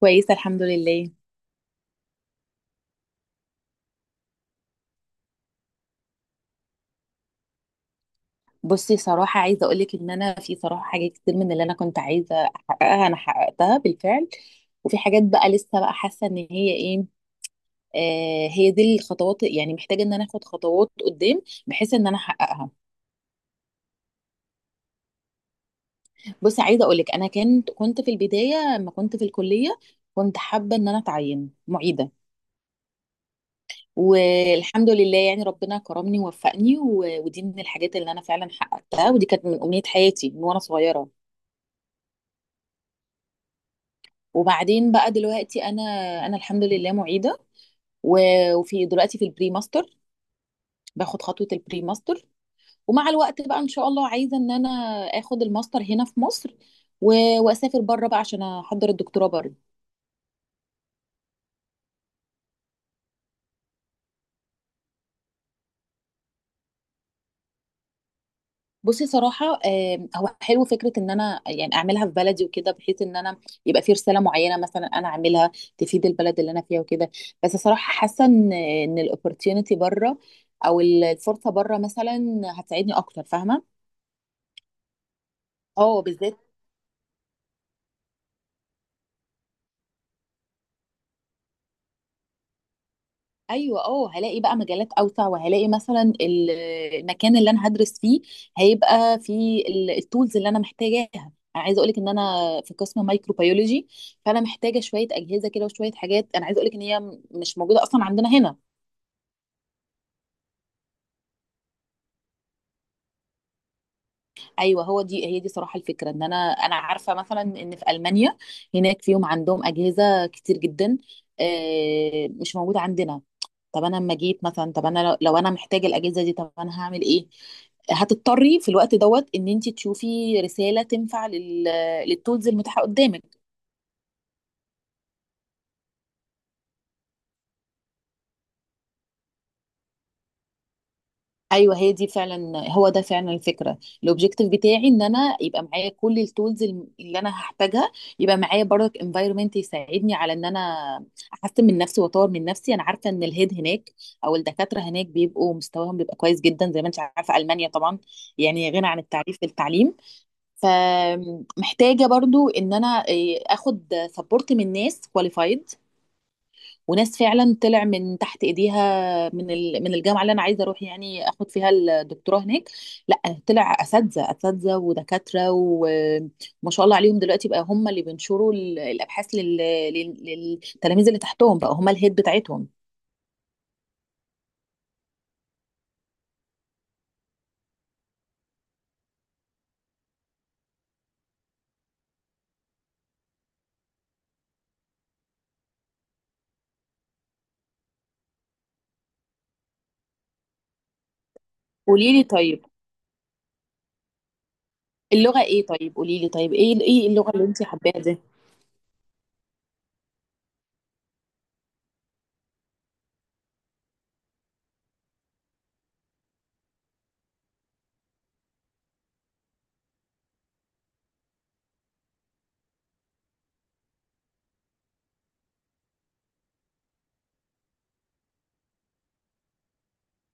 كويسه، الحمد لله. بصي، صراحه عايزه اقولك ان انا في صراحه حاجات كتير من اللي انا كنت عايزه احققها، انا حققتها بالفعل. وفي حاجات بقى لسه، بقى حاسه ان هي ايه. هي دي الخطوات، يعني محتاجه ان انا اخد خطوات قدام بحيث ان انا احققها. بصي، عايزه اقولك انا كنت في البدايه لما كنت في الكليه، كنت حابه ان انا اتعين معيده. والحمد لله، يعني ربنا كرمني ووفقني، ودي من الحاجات اللي انا فعلا حققتها، ودي كانت من امنيه حياتي من وانا صغيره. وبعدين بقى دلوقتي، انا الحمد لله معيده، وفي دلوقتي في البري ماستر، باخد خطوه البري ماستر. ومع الوقت بقى ان شاء الله عايزه ان انا اخد الماستر هنا في مصر، واسافر بره بقى عشان احضر الدكتوراه بره. بصي، صراحه هو حلو فكره ان انا يعني اعملها في بلدي وكده، بحيث ان انا يبقى في رساله معينه مثلا انا اعملها، تفيد البلد اللي انا فيها وكده. بس صراحه حاسه ان الاوبورتيونيتي بره، او الفرصه بره مثلا، هتساعدني اكتر. فاهمه. اه، بالذات. ايوه، اه هلاقي بقى مجالات اوسع، وهلاقي مثلا المكان اللي انا هدرس فيه هيبقى فيه التولز اللي انا محتاجاها. انا عايزه اقولك ان انا في قسم مايكروبيولوجي، فانا محتاجه شويه اجهزه كده وشويه حاجات، انا عايزه اقولك ان هي مش موجوده اصلا عندنا هنا. ايوه، هو دي هي دي صراحه الفكره، ان انا، انا عارفه مثلا ان في المانيا هناك فيهم عندهم اجهزه كتير جدا، مش موجوده عندنا. طب انا لما جيت مثلا، طب انا لو انا محتاجه الاجهزه دي، طب انا هعمل ايه؟ هتضطري في الوقت دوت ان انت تشوفي رساله تنفع للتولز المتاحه قدامك. ايوه، هي دي فعلا هو ده فعلا الفكره. الاوبجيكتيف بتاعي ان انا يبقى معايا كل التولز اللي انا هحتاجها، يبقى معايا برضك انفايرمنت يساعدني على ان انا احسن من نفسي واطور من نفسي. انا عارفه ان الهيد هناك او الدكاتره هناك بيبقوا مستواهم بيبقى كويس جدا، زي ما انت عارفه، المانيا طبعا يعني غنى عن التعريف في التعليم. فمحتاجه برضو ان انا اخد سبورت من ناس كواليفايد، وناس فعلا طلع من تحت ايديها، من الجامعه اللي انا عايزه اروح يعني اخد فيها الدكتوراه هناك. لا، طلع اساتذه ودكاتره، وما شاء الله عليهم، دلوقتي بقى هم اللي بينشروا الابحاث للتلاميذ اللي تحتهم، بقى هم الهيد بتاعتهم. قولي لي طيب، اللغه ايه؟ طيب قولي لي طيب ايه اللغه اللي انت حباها دي؟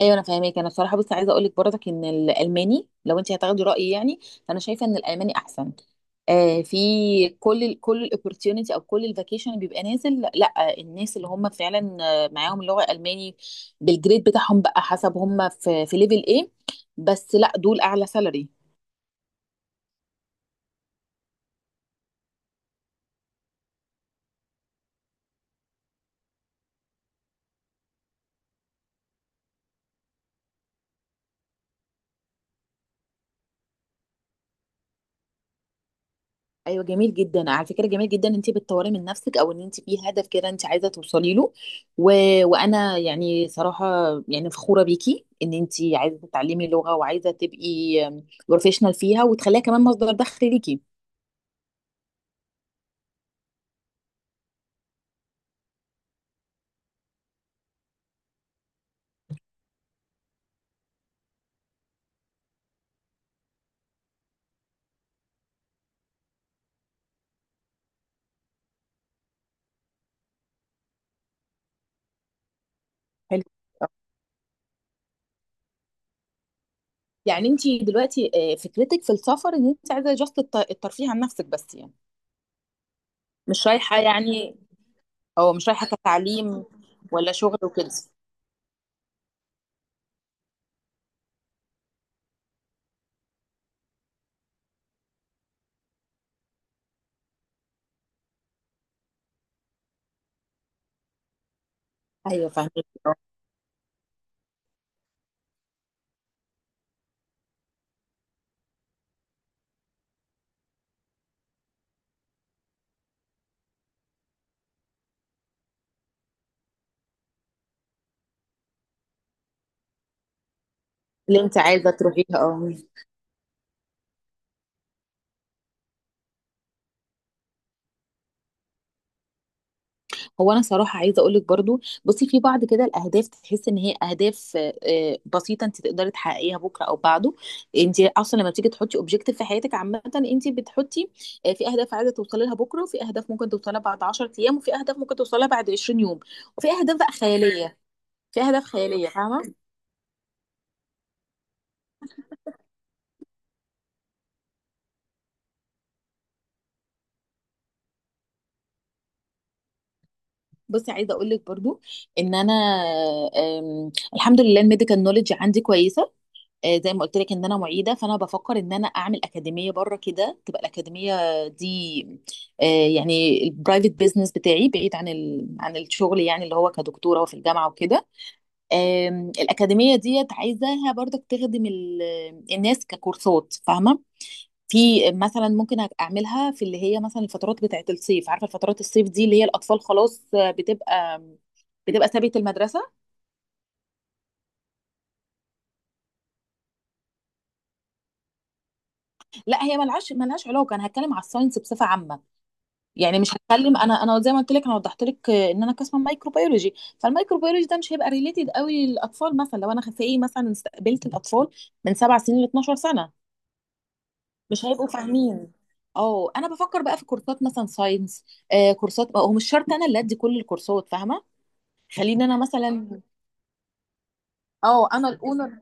ايوه، انا فاهماك. انا بصراحه بس عايزه اقول لك برضك ان الالماني، لو انت هتاخدي رايي يعني، فانا شايفه ان الالماني احسن. في كل كل الاوبورتيونيتي او كل الفاكيشن اللي بيبقى نازل، لا، الناس اللي هم فعلا معاهم لغه الماني، بالجريد بتاعهم بقى حسب هم في ليفل ايه. بس لا، دول اعلى سالري. ايوه، جميل جدا على فكره، جميل جدا ان انت بتطوري من نفسك، او ان انت في هدف كده انت عايزه توصلي له. و... وانا يعني صراحه يعني فخوره بيكي ان انت عايزه تتعلمي لغه وعايزه تبقي بروفيشنال فيها وتخليها كمان مصدر دخل ليكي. حلو. يعني انت دلوقتي فكرتك في السفر ان انت عايزه جاست الترفيه عن نفسك بس يعني، مش رايحه يعني، او مش رايحه كتعليم ولا شغل وكده. ايوه، فاهمك. اه، اللي انت عايزه تروحيها، اه. هو انا صراحه عايزه اقول لك برضو، بصي، في بعض كده الاهداف تحس ان هي اهداف بسيطه انت تقدري تحققيها بكره او بعده. انت اصلا لما بتيجي تحطي اوبجيكتيف في حياتك عامه، انت بتحطي في اهداف عايزه توصلي لها بكره، وفي اهداف ممكن توصلها بعد 10 ايام، وفي اهداف ممكن توصلها بعد 20 يوم، وفي اهداف بقى خياليه. في اهداف خياليه. فاهمه. بصي، عايزه اقول لك برضو ان انا الحمد لله الميديكال نولج عندي كويسه. زي ما قلت لك ان انا معيده، فانا بفكر ان انا اعمل اكاديميه بره كده. تبقى الاكاديميه دي آه، يعني البرايفت بيزنس بتاعي بعيد عن عن الشغل، يعني اللي هو كدكتوره وفي الجامعه وكده. الاكاديميه ديت عايزاها برضك تخدم الناس ككورسات. فاهمه. في مثلا ممكن اعملها في اللي هي مثلا الفترات بتاعت الصيف، عارفه الفترات الصيف دي اللي هي الاطفال خلاص بتبقى سابت المدرسه. لا، هي ملهاش علاقه، انا هتكلم على الساينس بصفه عامه. يعني مش هتكلم انا، انا زي ما قلت لك، انا وضحت لك ان انا قسم مايكروبيولوجي، فالمايكروبيولوجي ده مش هيبقى ريليتد قوي للاطفال. مثلا لو انا خفي مثلا استقبلت الاطفال من سبع سنين ل 12 سنه، مش هيبقوا فاهمين. اه، انا بفكر بقى في كورسات مثلا ساينس. آه، كورسات هو مش شرط انا اللي ادي كل الكورسات. فاهمه. خليني انا مثلا، اه انا الاونر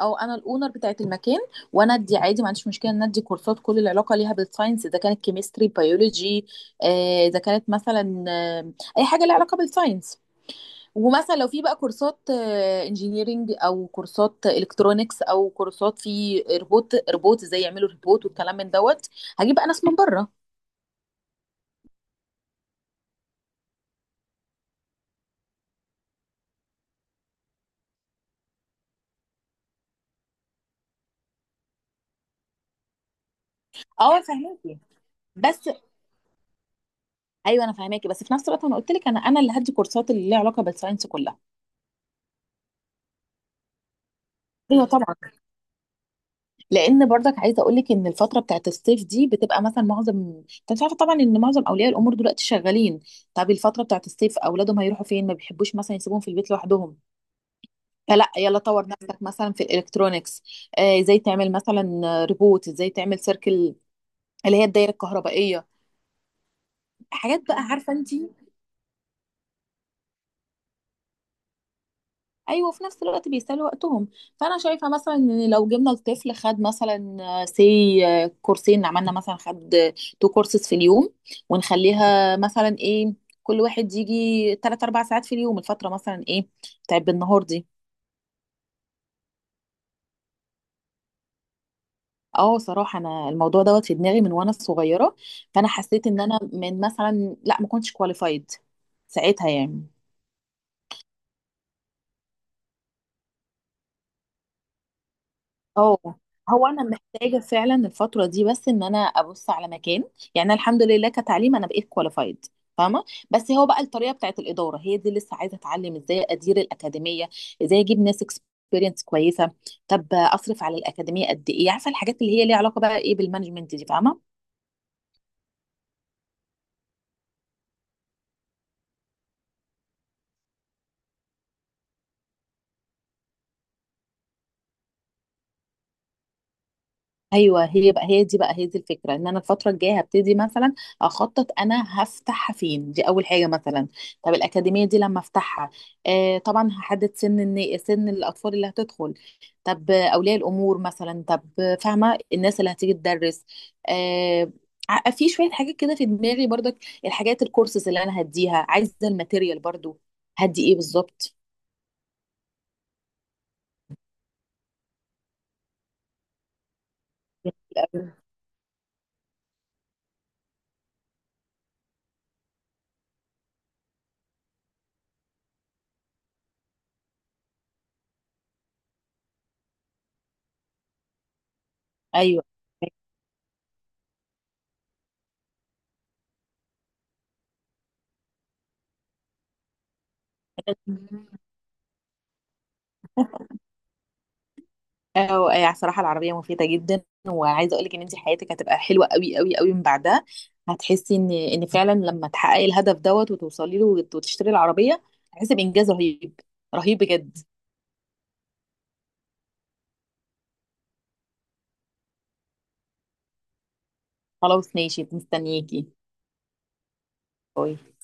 انا الاونر بتاعت المكان، وانا ادي عادي، ما عنديش مشكله ان ادي كورسات كل العلاقه ليها بالساينس، اذا كانت كيمستري بيولوجي، اذا كانت مثلا اي حاجه ليها علاقه بالساينس. ومثلا لو في بقى كورسات انجينيرينج، او كورسات الكترونكس، او كورسات في روبوت ازاي يعملوا روبوت والكلام من دوت، هجيب بقى ناس من بره. اه، فهماكي بس. ايوه انا فهماكي، بس في نفس الوقت انا قلت لك انا اللي هدي كورسات اللي ليها علاقه بالساينس كلها. ايوه طبعا. لان برضك عايزه اقول لك ان الفتره بتاعت الصيف دي بتبقى مثلا معظم، انت مش عارفه طبعا ان معظم اولياء الامور دلوقتي شغالين. طب الفتره بتاعت الصيف اولادهم هيروحوا فين؟ ما بيحبوش مثلا يسيبوهم في البيت لوحدهم. فلا، يلا طور نفسك مثلا في الالكترونيكس، ازاي تعمل مثلا ريبوت، ازاي تعمل سيركل اللي هي الدايره الكهربائيه، حاجات بقى عارفه انت. ايوه، وفي نفس الوقت بيسالوا وقتهم. فانا شايفه مثلا ان لو جبنا الطفل خد مثلا سي كورسين، عملنا مثلا خد تو كورسز في اليوم، ونخليها مثلا ايه، كل واحد يجي 3 4 ساعات في اليوم، الفتره مثلا ايه بتاعت بالنهار دي. اه صراحه انا الموضوع دوت في دماغي من وانا صغيره، فانا حسيت ان انا من مثلا، لا، ما كنتش كواليفايد ساعتها يعني. اه، هو انا محتاجه فعلا الفتره دي بس ان انا ابص على مكان، يعني أنا الحمد لله كتعليم انا بقيت كواليفايد. فاهمه. بس هو بقى الطريقه بتاعت الاداره، هي دي لسه عايزه اتعلم ازاي ادير الاكاديميه، ازاي اجيب ناس اكسبيرينس كويسه، طب اصرف على الاكاديميه قد ايه، عارفه الحاجات اللي هي ليها علاقه بقى ايه بالمانجمنت دي. فاهمه. ايوه، هي بقى هي دي الفكره، ان انا الفتره الجايه هبتدي مثلا اخطط، انا هفتحها فين، دي اول حاجه مثلا. طب الاكاديميه دي لما افتحها، آه طبعا هحدد سن سن الاطفال اللي هتدخل. طب اولياء الامور مثلا، طب فاهمه الناس اللي هتيجي تدرس. آه، في شويه حاجات كده في دماغي برضك، الكورسز اللي انا هديها، عايزه الماتيريال برضو هدي ايه بالظبط. ايوه. أو يعني صراحة العربية مفيدة جدا، وعايزة أقولك إن أنت حياتك هتبقى حلوة قوي قوي قوي من بعدها. هتحسي إن فعلا لما تحققي الهدف دوت وتوصلي له وتشتري العربية، هتحسي بإنجاز رهيب. رهيب بجد. خلاص ماشي، مستنياكي. باي.